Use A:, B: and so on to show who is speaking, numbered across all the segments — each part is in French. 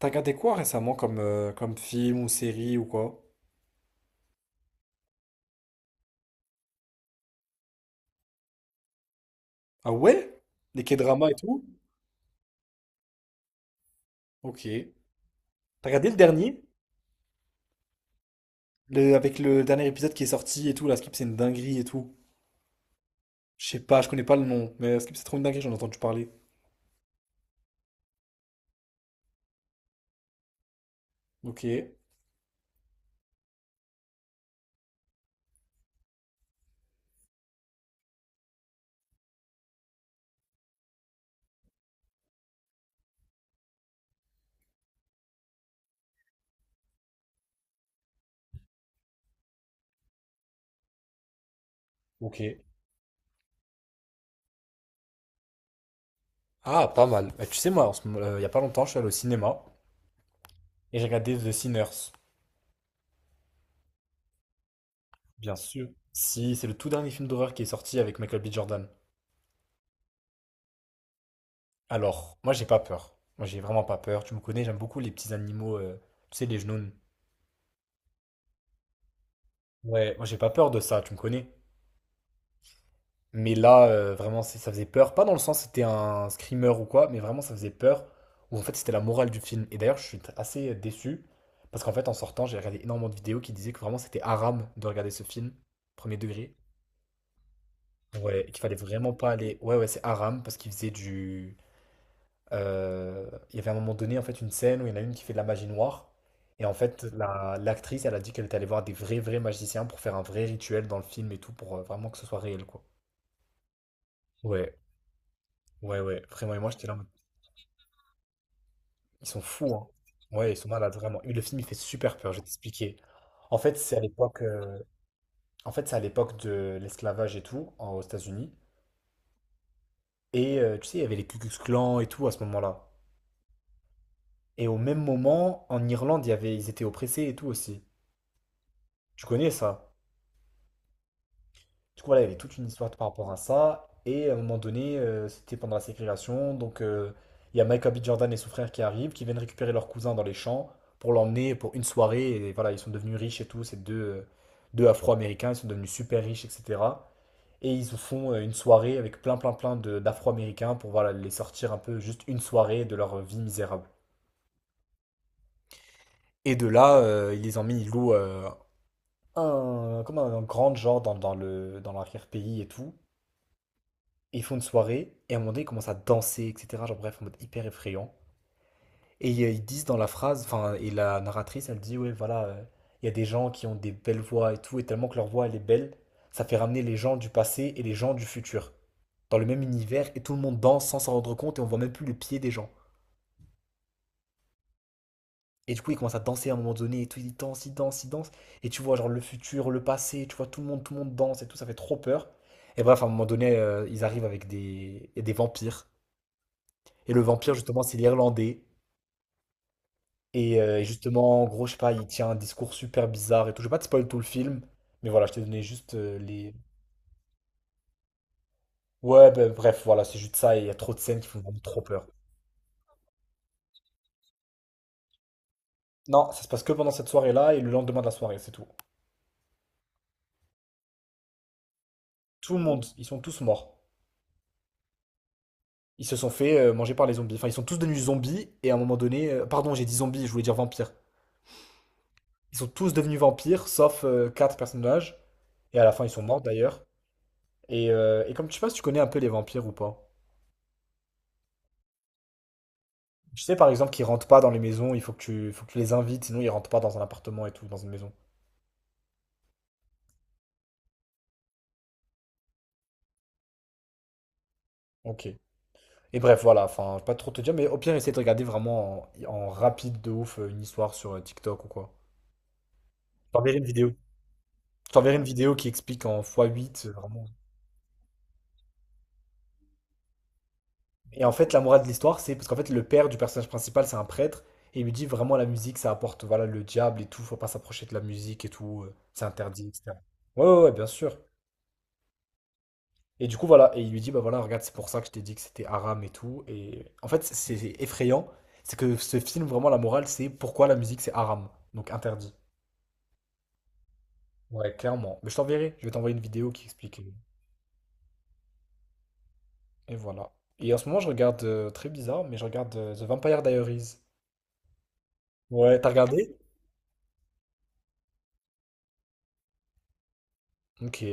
A: T'as regardé quoi récemment comme, comme film ou série ou quoi? Ah ouais? Les K-dramas et tout? Ok. T'as regardé le dernier? Avec le dernier épisode qui est sorti et tout, la Skip c'est une dinguerie et tout. Je sais pas, je connais pas le nom, mais Skip c'est trop une dinguerie, j'en ai entendu parler. Ok. Ok. Ah, pas mal. Bah, tu sais, moi, il y a pas longtemps, je suis allé au cinéma et j'ai regardé The Sinners. Bien sûr. Si, c'est le tout dernier film d'horreur qui est sorti avec Michael B. Jordan. Alors, moi, j'ai pas peur. Moi, j'ai vraiment pas peur. Tu me connais, j'aime beaucoup les petits animaux, tu sais, les genoux. Ouais, moi j'ai pas peur de ça, tu me connais. Mais là, vraiment, ça faisait peur. Pas dans le sens c'était un screamer ou quoi, mais vraiment ça faisait peur. Où en fait c'était la morale du film. Et d'ailleurs, je suis assez déçu. Parce qu'en fait, en sortant, j'ai regardé énormément de vidéos qui disaient que vraiment c'était haram de regarder ce film, premier degré. Ouais, et qu'il fallait vraiment pas aller. Ouais, ouais, c'est haram parce qu'il faisait du. euh, Il y avait à un moment donné, en fait, une scène où il y en a une qui fait de la magie noire. Et en fait, l'actrice, elle a dit qu'elle était allée voir des vrais, vrais magiciens pour faire un vrai rituel dans le film et tout, pour vraiment que ce soit réel, quoi. Ouais, ouais, ouais, vraiment. Et moi, j'étais là, en mode, ils sont fous, hein. Ouais, ils sont malades, vraiment. Et le film, il fait super peur, je vais t'expliquer. En fait, c'est à l'époque, en fait, c'est à l'époque de l'esclavage et tout, aux États-Unis. Et tu sais, il y avait les Ku Klux Klan et tout à ce moment-là. Et au même moment, en Irlande, il y avait, ils étaient oppressés et tout aussi. Tu connais ça? Du coup, voilà, il y avait toute une histoire par rapport à ça. Et à un moment donné, c'était pendant la ségrégation. Donc, il y a Michael B. Jordan et son frère qui arrivent, qui viennent récupérer leur cousin dans les champs pour l'emmener pour une soirée. Et voilà, ils sont devenus riches et tout. Ces deux Afro-Américains, ils sont devenus super riches, etc. Et ils se font une soirée avec plein, plein, plein d'Afro-Américains pour voilà, les sortir un peu juste une soirée de leur vie misérable. Et de là, ils les emmènent, ils louent un, comme un grand genre dans l'arrière-pays et tout. Ils font une soirée, et à un moment donné, ils commencent à danser, etc. Genre, bref, en mode hyper effrayant. Et ils disent dans la phrase, enfin, et la narratrice, elle dit, ouais, voilà, il y a des gens qui ont des belles voix et tout, et tellement que leur voix, elle est belle, ça fait ramener les gens du passé et les gens du futur dans le même univers, et tout le monde danse sans s'en rendre compte, et on voit même plus les pieds des gens. Et du coup, ils commencent à danser à un moment donné, et tout, ils dansent, ils dansent, ils dansent, et tu vois, genre, le futur, le passé, tu vois, tout le monde danse, et tout, ça fait trop peur. Et bref, à un moment donné, ils arrivent avec des, et des vampires. Et le vampire, justement, c'est l'Irlandais. Et justement, en gros, je sais pas, il tient un discours super bizarre et tout. Je vais pas te spoil tout le film, mais voilà, je t'ai donné juste les. Ouais, bah, bref, voilà, c'est juste ça et il y a trop de scènes qui font vraiment trop peur. Non, ça se passe que pendant cette soirée-là et le lendemain de la soirée, c'est tout. Tout le monde, ils sont tous morts. Ils se sont fait manger par les zombies. Enfin, ils sont tous devenus zombies et à un moment donné, pardon, j'ai dit zombies, je voulais dire vampires. Ils sont tous devenus vampires, sauf quatre personnages. Et à la fin, ils sont morts d'ailleurs. Et comme tu sais pas si tu connais un peu les vampires ou pas. Je sais par exemple qu'ils rentrent pas dans les maisons, il faut que tu les invites, sinon ils rentrent pas dans un appartement et tout, dans une maison. Ok. Et bref, voilà, enfin, pas trop te dire, mais au pire, essaie de regarder vraiment en rapide de ouf, une histoire sur TikTok ou quoi. Je t'enverrai une vidéo. Je t'enverrai une vidéo qui explique en fois huit, vraiment. Et en fait, la morale de l'histoire, c'est parce qu'en fait, le père du personnage principal, c'est un prêtre, et il lui dit vraiment la musique, ça apporte, voilà, le diable et tout, faut pas s'approcher de la musique et tout, c'est interdit, etc. Ouais, ouais, ouais, bien sûr. Et du coup, voilà, et il lui dit, bah voilà, regarde, c'est pour ça que je t'ai dit que c'était haram et tout. Et en fait, c'est effrayant, c'est que ce film, vraiment, la morale, c'est pourquoi la musique, c'est haram, donc interdit. Ouais, clairement. Mais je t'enverrai, je vais t'envoyer une vidéo qui explique. Et voilà. Et en ce moment, je regarde, très bizarre, mais je regarde The Vampire Diaries. Ouais, t'as regardé? Ok.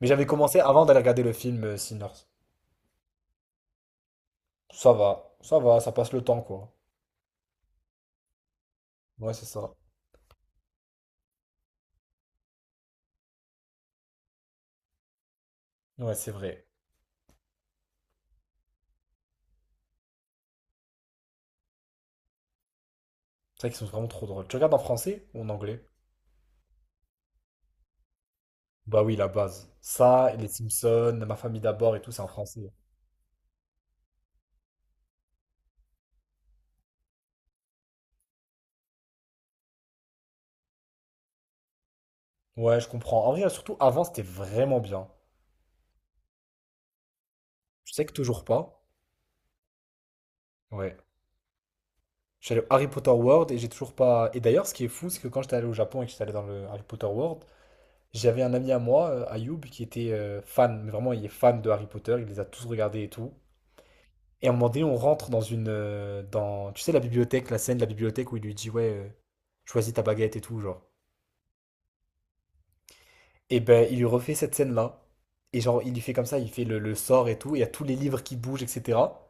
A: Mais j'avais commencé avant d'aller regarder le film Sinners. Ça va, ça va, ça passe le temps, quoi. Ouais, c'est ça. Ouais, c'est vrai. C'est vrai qu'ils sont vraiment trop drôles. Tu regardes en français ou en anglais? Bah oui, la base. Ça, et les Simpsons, Ma famille d'abord et tout, c'est en français. Ouais, je comprends. En vrai, surtout avant, c'était vraiment bien. Je sais que toujours pas. Ouais. Je suis allé au Harry Potter World et j'ai toujours pas. Et d'ailleurs, ce qui est fou, c'est que quand j'étais allé au Japon et que j'étais allé dans le Harry Potter World, j'avais un ami à moi, Ayoub, qui était fan. Mais vraiment, il est fan de Harry Potter. Il les a tous regardés et tout. Et à un moment donné, on rentre dans une, dans... Tu sais, la bibliothèque, la scène de la bibliothèque où il lui dit, ouais, choisis ta baguette et tout, genre. Et ben, il lui refait cette scène-là. Et genre, il lui fait comme ça, il fait le sort et tout. Et il y a tous les livres qui bougent, etc.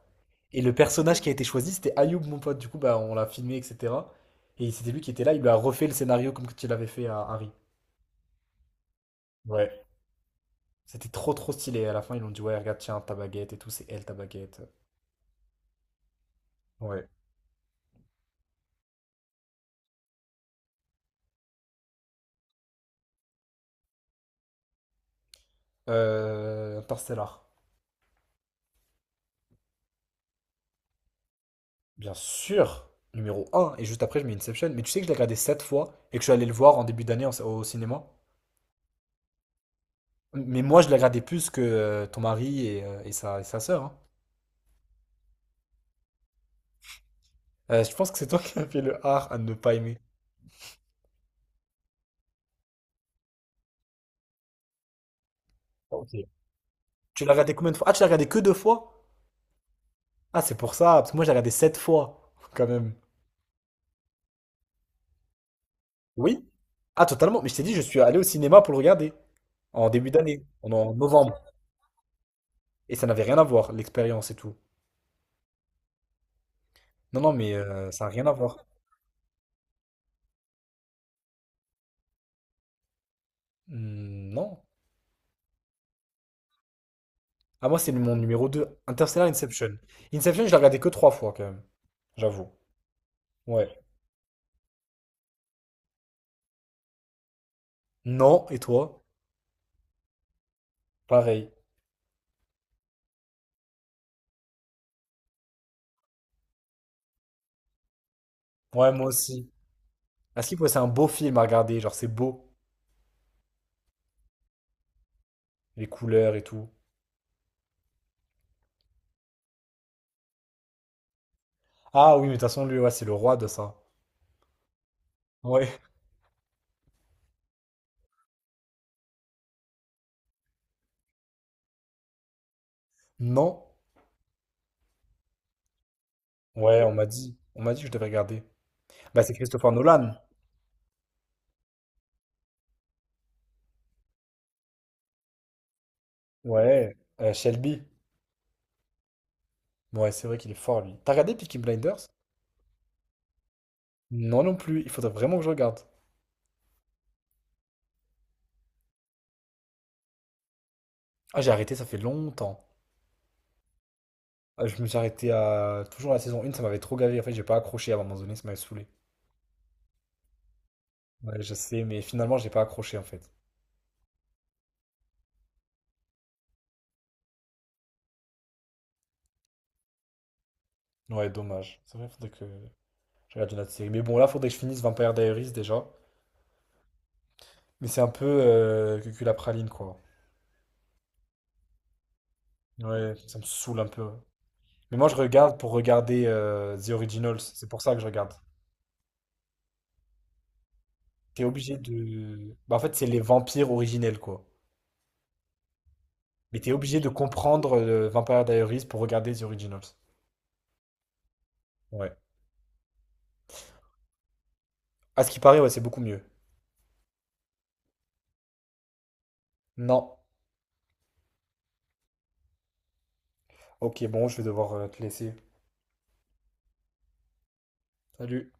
A: Et le personnage qui a été choisi, c'était Ayoub, mon pote. Du coup, bah, on l'a filmé, etc. Et c'était lui qui était là. Il lui a refait le scénario comme tu l'avais fait à Harry. Ouais. C'était trop, trop stylé. À la fin, ils l'ont dit, ouais, regarde, tiens, ta baguette et tout. C'est elle, ta baguette. Ouais. Interstellar. Bien sûr. Numéro un. Et juste après, je mets Inception. Mais tu sais que je l'ai regardé 7 fois et que je suis allé le voir en début d'année au cinéma. Mais moi, je la gardais plus que ton mari et sa sœur, hein. Je pense que c'est toi qui as fait le art à ne pas aimer. Ok. Tu l'as regardé combien de fois? Ah, tu l'as regardé que deux fois? Ah, c'est pour ça, parce que moi, je l'ai regardé sept fois, quand même. Oui? Ah, totalement. Mais je t'ai dit, je suis allé au cinéma pour le regarder, en début d'année, en novembre. Et ça n'avait rien à voir, l'expérience et tout. Non, non, mais ça n'a rien à voir. Hmm, non. Ah, moi, c'est mon numéro 2, Interstellar Inception. Inception, je l'ai regardé que trois fois, quand même, j'avoue. Ouais. Non, et toi? Pareil. Ouais, moi aussi. À Sleep, ouais, c'est un beau film à regarder, genre c'est beau, les couleurs et tout. Ah oui, mais de toute façon, lui, ouais, c'est le roi de ça. Ouais. Non? Ouais, on m'a dit. On m'a dit que je devais regarder. Bah, c'est Christopher Nolan. Ouais. Shelby. Ouais, c'est vrai qu'il est fort, lui. T'as regardé Peaky Blinders? Non, non plus. Il faudrait vraiment que je regarde. Ah, j'ai arrêté, ça fait longtemps. Ah, je me suis arrêté à toujours la saison 1, ça m'avait trop gavé. En fait, j'ai pas accroché à un moment donné, ça m'avait saoulé. Ouais, je sais, mais finalement, j'ai pas accroché, en fait. Ouais, dommage. C'est vrai, faudrait que je regarde une autre série. Mais bon, là, faudrait que je finisse Vampire Diaries déjà. Mais c'est un peu cucul à praline, quoi. Ouais, ça me saoule un peu. Mais moi, je regarde pour regarder The Originals. C'est pour ça que je regarde. T'es obligé de. Bah, en fait, c'est les vampires originels, quoi. Mais t'es obligé de comprendre Vampire Diaries pour regarder The Originals. Ouais. À ce qui paraît, ouais, c'est beaucoup mieux. Non. Ok, bon, je vais devoir te laisser. Salut.